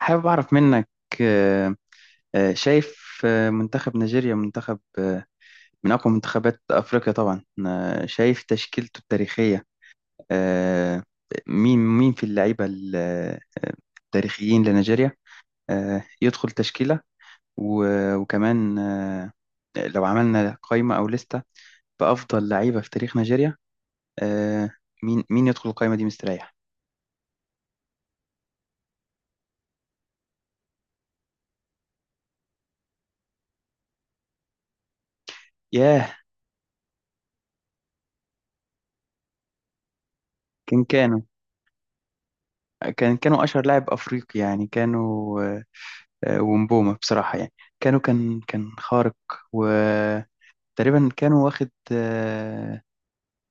حابب أعرف منك. آه، شايف، منتخب نيجيريا منتخب، من أقوى منتخبات أفريقيا طبعا. شايف تشكيلته التاريخية. آه، مين في اللعيبة التاريخيين لنيجيريا، يدخل تشكيلة. وكمان لو عملنا قائمة أو لستة بأفضل لعيبة في تاريخ نيجيريا، آه، مين يدخل القائمة دي مستريح؟ ياه. كان كانوا كانوا أشهر لاعب أفريقي، يعني كانوا، ومبومة بصراحة، يعني كانوا كان خارق وتقريبا كانوا واخد، آه،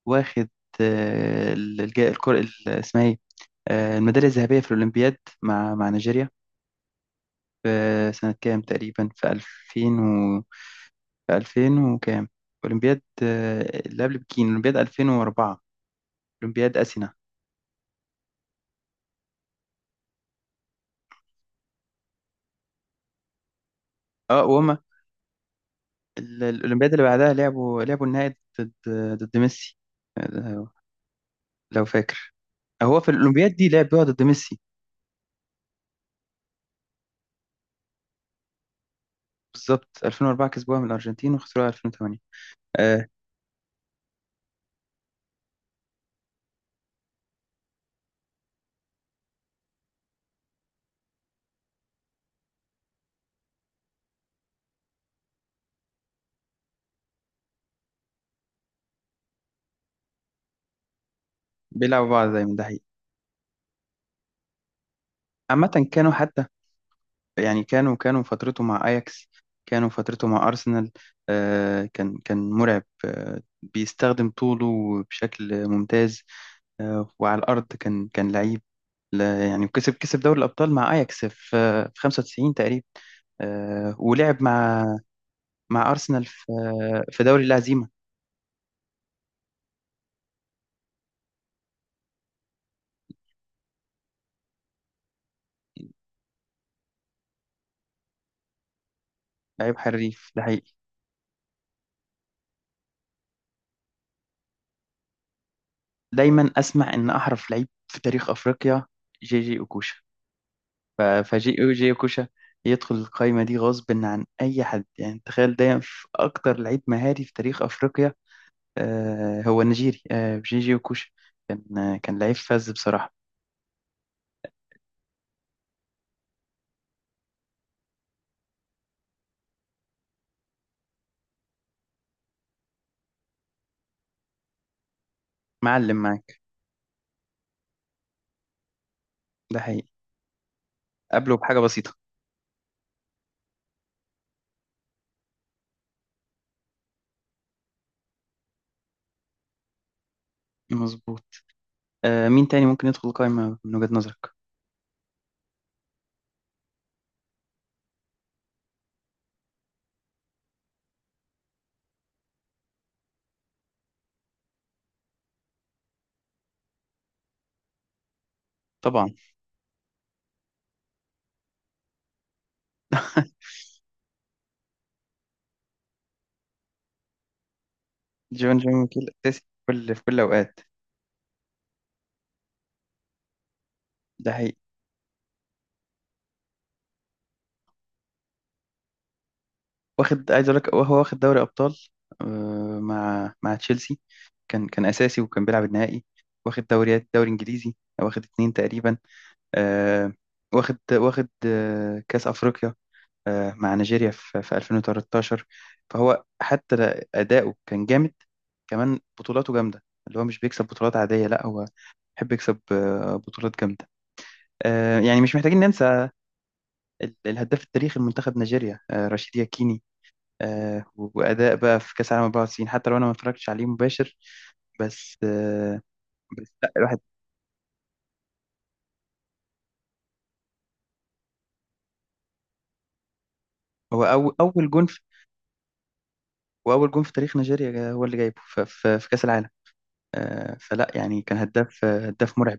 واخد آه، الكرة ال- اسمها ايه آه، الميدالية الذهبية في الأولمبياد مع نيجيريا في سنة كام تقريبا، في 2000 و، في 2000 وكام، أولمبياد، اللي قبل بكين، أولمبياد 2004، أولمبياد أثينا. اه، وهما الأولمبياد اللي بعدها لعبوا النهائي ضد، ضد ميسي، آه، لو فاكر. هو في الأولمبياد دي لعب بيقعد ضد ميسي. بالظبط، 2004 كسبوها من الأرجنتين وخسروها 2008. آه، بيلعبوا بعض دايما، ده حقيقي. عامة كانوا حتى، يعني كانوا فترته مع أياكس، كانوا فترته مع أرسنال. آه، كان مرعب، آه، بيستخدم طوله بشكل ممتاز. آه، وعلى الأرض كان لعيب. يعني كسب دوري الأبطال مع أياكس في، في 95 تقريبا. آه، ولعب مع، مع أرسنال في، في دوري الهزيمة. لعيب حريف، ده حقيقي. دايما اسمع ان احرف لعيب في تاريخ افريقيا جي جي اوكوشا. فجي جي اوكوشا يدخل القائمه دي غصب عن اي حد. يعني تخيل، دايما في اكتر لعيب مهاري في تاريخ افريقيا، آه، هو نيجيري، آه، جي جي اوكوشا. كان، آه، كان لعيب فذ بصراحه. معلم معاك. ده حقيقي. قبله بحاجه بسيطه. مظبوط. آه، مين تاني ممكن يدخل القائمه من وجهه نظرك؟ طبعا. جون ميكيل اساسي في كل، في كل الاوقات. ده حقيقي. واخد، عايز اقول لك هو واخد دوري ابطال، مع، مع تشيلسي. كان اساسي وكان بيلعب النهائي. واخد دوريات، دوري انجليزي واخد اتنين تقريبا. آه، واخد كاس افريقيا، مع نيجيريا في، في 2013. فهو حتى اداؤه كان جامد، كمان بطولاته جامده. اللي هو مش بيكسب بطولات عاديه، لا هو بيحب يكسب، بطولات جامده. يعني مش محتاجين ننسى الهداف التاريخي لمنتخب نيجيريا، رشيد ياكيني. آه، وأداء بقى في كأس العالم 94، حتى لو أنا ما اتفرجتش عليه مباشر، بس آه، بس لا الواحد. هو أول، أول جون في، وأول جون في تاريخ نيجيريا هو اللي جايبه في كأس العالم. آه، فلا، يعني كان هداف، هداف مرعب.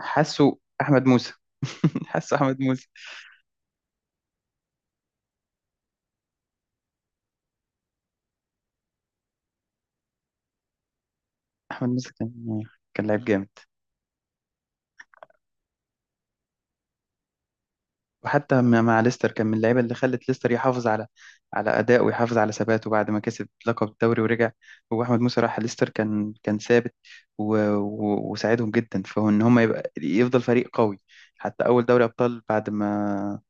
حاسه أحمد موسى. حاسه أحمد موسى. أحمد موسى كان لعيب جامد. وحتى مع ليستر كان من اللعيبه اللي خلت ليستر يحافظ على، على اداء ويحافظ على ثباته بعد ما كسب لقب الدوري ورجع. هو احمد موسى راح ليستر كان ثابت و... و... وساعدهم جدا، فهو ان هم يبقى يفضل فريق قوي. حتى اول دوري ابطال بعد ما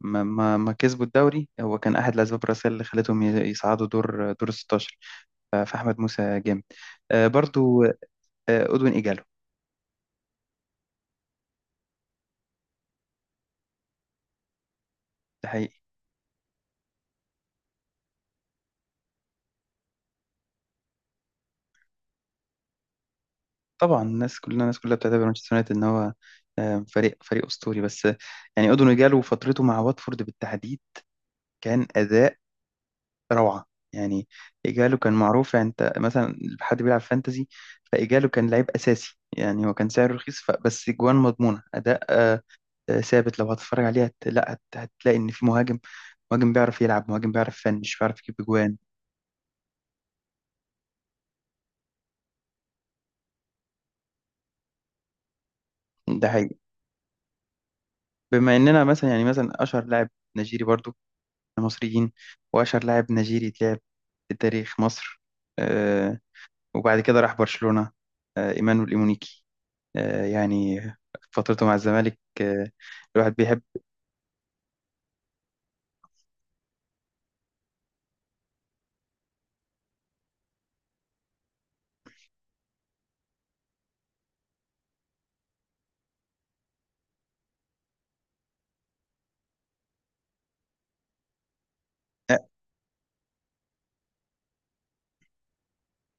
ما كسبوا الدوري، هو كان احد الاسباب الرئيسيه اللي خلتهم يصعدوا دور، دور ال 16. ف- فاحمد موسى جامد، برضو. آه، ادوين ايجالو، ده حقيقي. طبعا الناس كلنا، الناس كلها بتعتبر مانشستر يونايتد ان هو، فريق اسطوري، بس آه، يعني اودون جالو فترته مع واتفورد بالتحديد كان اداء روعه. يعني ايجالو كان معروف. يعني انت مثلا حد بيلعب فانتزي، فايجالو كان لعيب اساسي. يعني هو كان سعره رخيص، بس جوان مضمونه، اداء، ثابت. لو هتتفرج عليه هت... لا هت... هتلاقي ان في مهاجم، مهاجم بيعرف يلعب، مهاجم بيعرف يفنش، بيعرف يجيب جوان. ده حقيقي. بما اننا مثلا، يعني مثلا، اشهر لاعب نيجيري برضو مصريين، وأشهر لاعب نيجيري اتلعب في تاريخ مصر، آه، وبعد كده راح برشلونة، إيمانويل إيمونيكي. يعني فترته مع الزمالك، آه، الواحد بيحب، آه،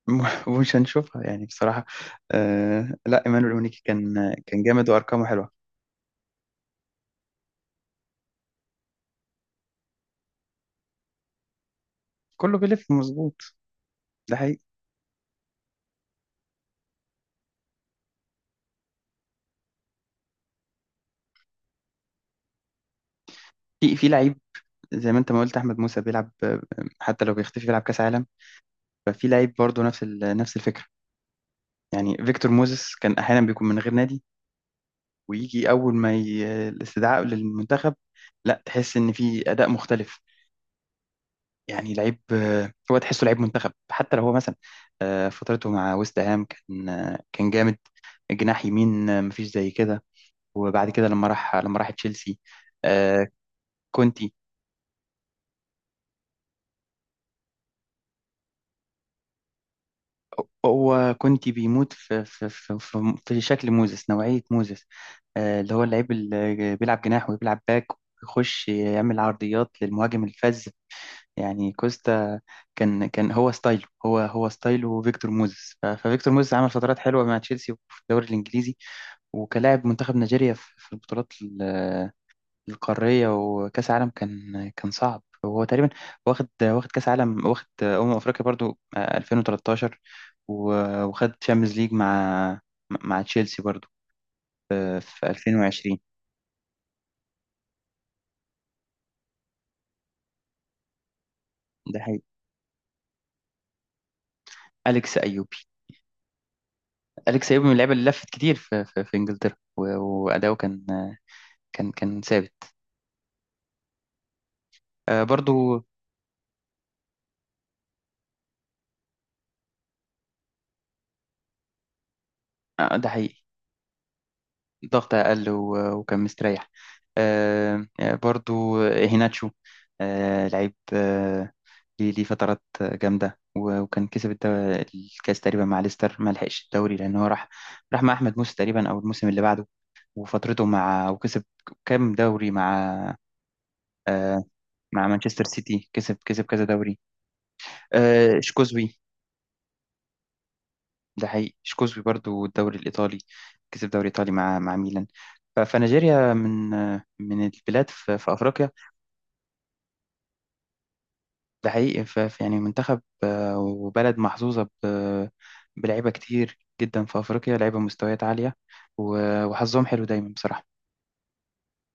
مش هنشوفها يعني بصراحة. لا إيمانويل إيمونيكي كان جامد وأرقامه حلوة. كله بيلف مظبوط، ده حقيقي. في، في لعيب زي ما انت ما قلت، احمد موسى بيلعب، آه، حتى لو بيختفي بيلعب كاس عالم. ففي لعيب برضه نفس نفس الفكره. يعني فيكتور موزيس كان احيانا بيكون من غير نادي، ويجي أول ما الاستدعاء للمنتخب، لا تحس إن في أداء مختلف. يعني لعيب، آه، هو تحسه لعيب منتخب. حتى لو هو مثلا، فترته مع ويست هام كان، آه، كان جامد. جناح يمين، آه، مفيش زي كده. وبعد كده لما راح، لما راح تشيلسي، آه، كونتي. هو كونتي بيموت في، في شكل موزس، نوعية موزس، اللي هو اللعيب اللي بيلعب جناح وبيلعب باك، ويخش يعمل عرضيات للمهاجم الفذ يعني كوستا. كان هو ستايله فيكتور موزيس. ف- ففيكتور موزيس عمل فترات حلوه مع تشيلسي وفي الدوري الانجليزي، وكلاعب منتخب نيجيريا في، في البطولات القاريه وكاس عالم كان، كان صعب. وهو تقريبا واخد كاس عالم، واخد افريقيا برضو، آه، 2013. و- وخد تشامبيونز ليج مع، مع تشيلسي برضو، آه، في 2020. ده حقيقي. أليكس أيوبي. أليكس أيوبي من اللعيبة اللي لفت كتير في, في, في إنجلترا، وأداؤه كان، كان ثابت، آه، برضو. آه، ده حقيقي. الضغط أقل وكان مستريح. برضو، آه، هيناتشو، آه، لعيب، آه، ليه، ليه فترات جامدة، وكان كسب الكاس تقريبا مع ليستر، ما لحقش الدوري لأن هو راح، راح مع أحمد موسى تقريبا أو الموسم اللي بعده. وفترته مع، وكسب كام دوري مع، آه، مع مانشستر سيتي، كسب كذا دوري. آه، شكوزوي. ده حقيقي. شكوزبي برضو الدوري الإيطالي، كسب دوري إيطالي مع، مع ميلان. ف- فنيجيريا من، من البلاد في, في أفريقيا. ده حقيقي. يعني منتخب، آه، وبلد محظوظة بلعيبة كتير جدا في أفريقيا، لعيبة مستويات عالية وحظهم حلو دايما بصراحة.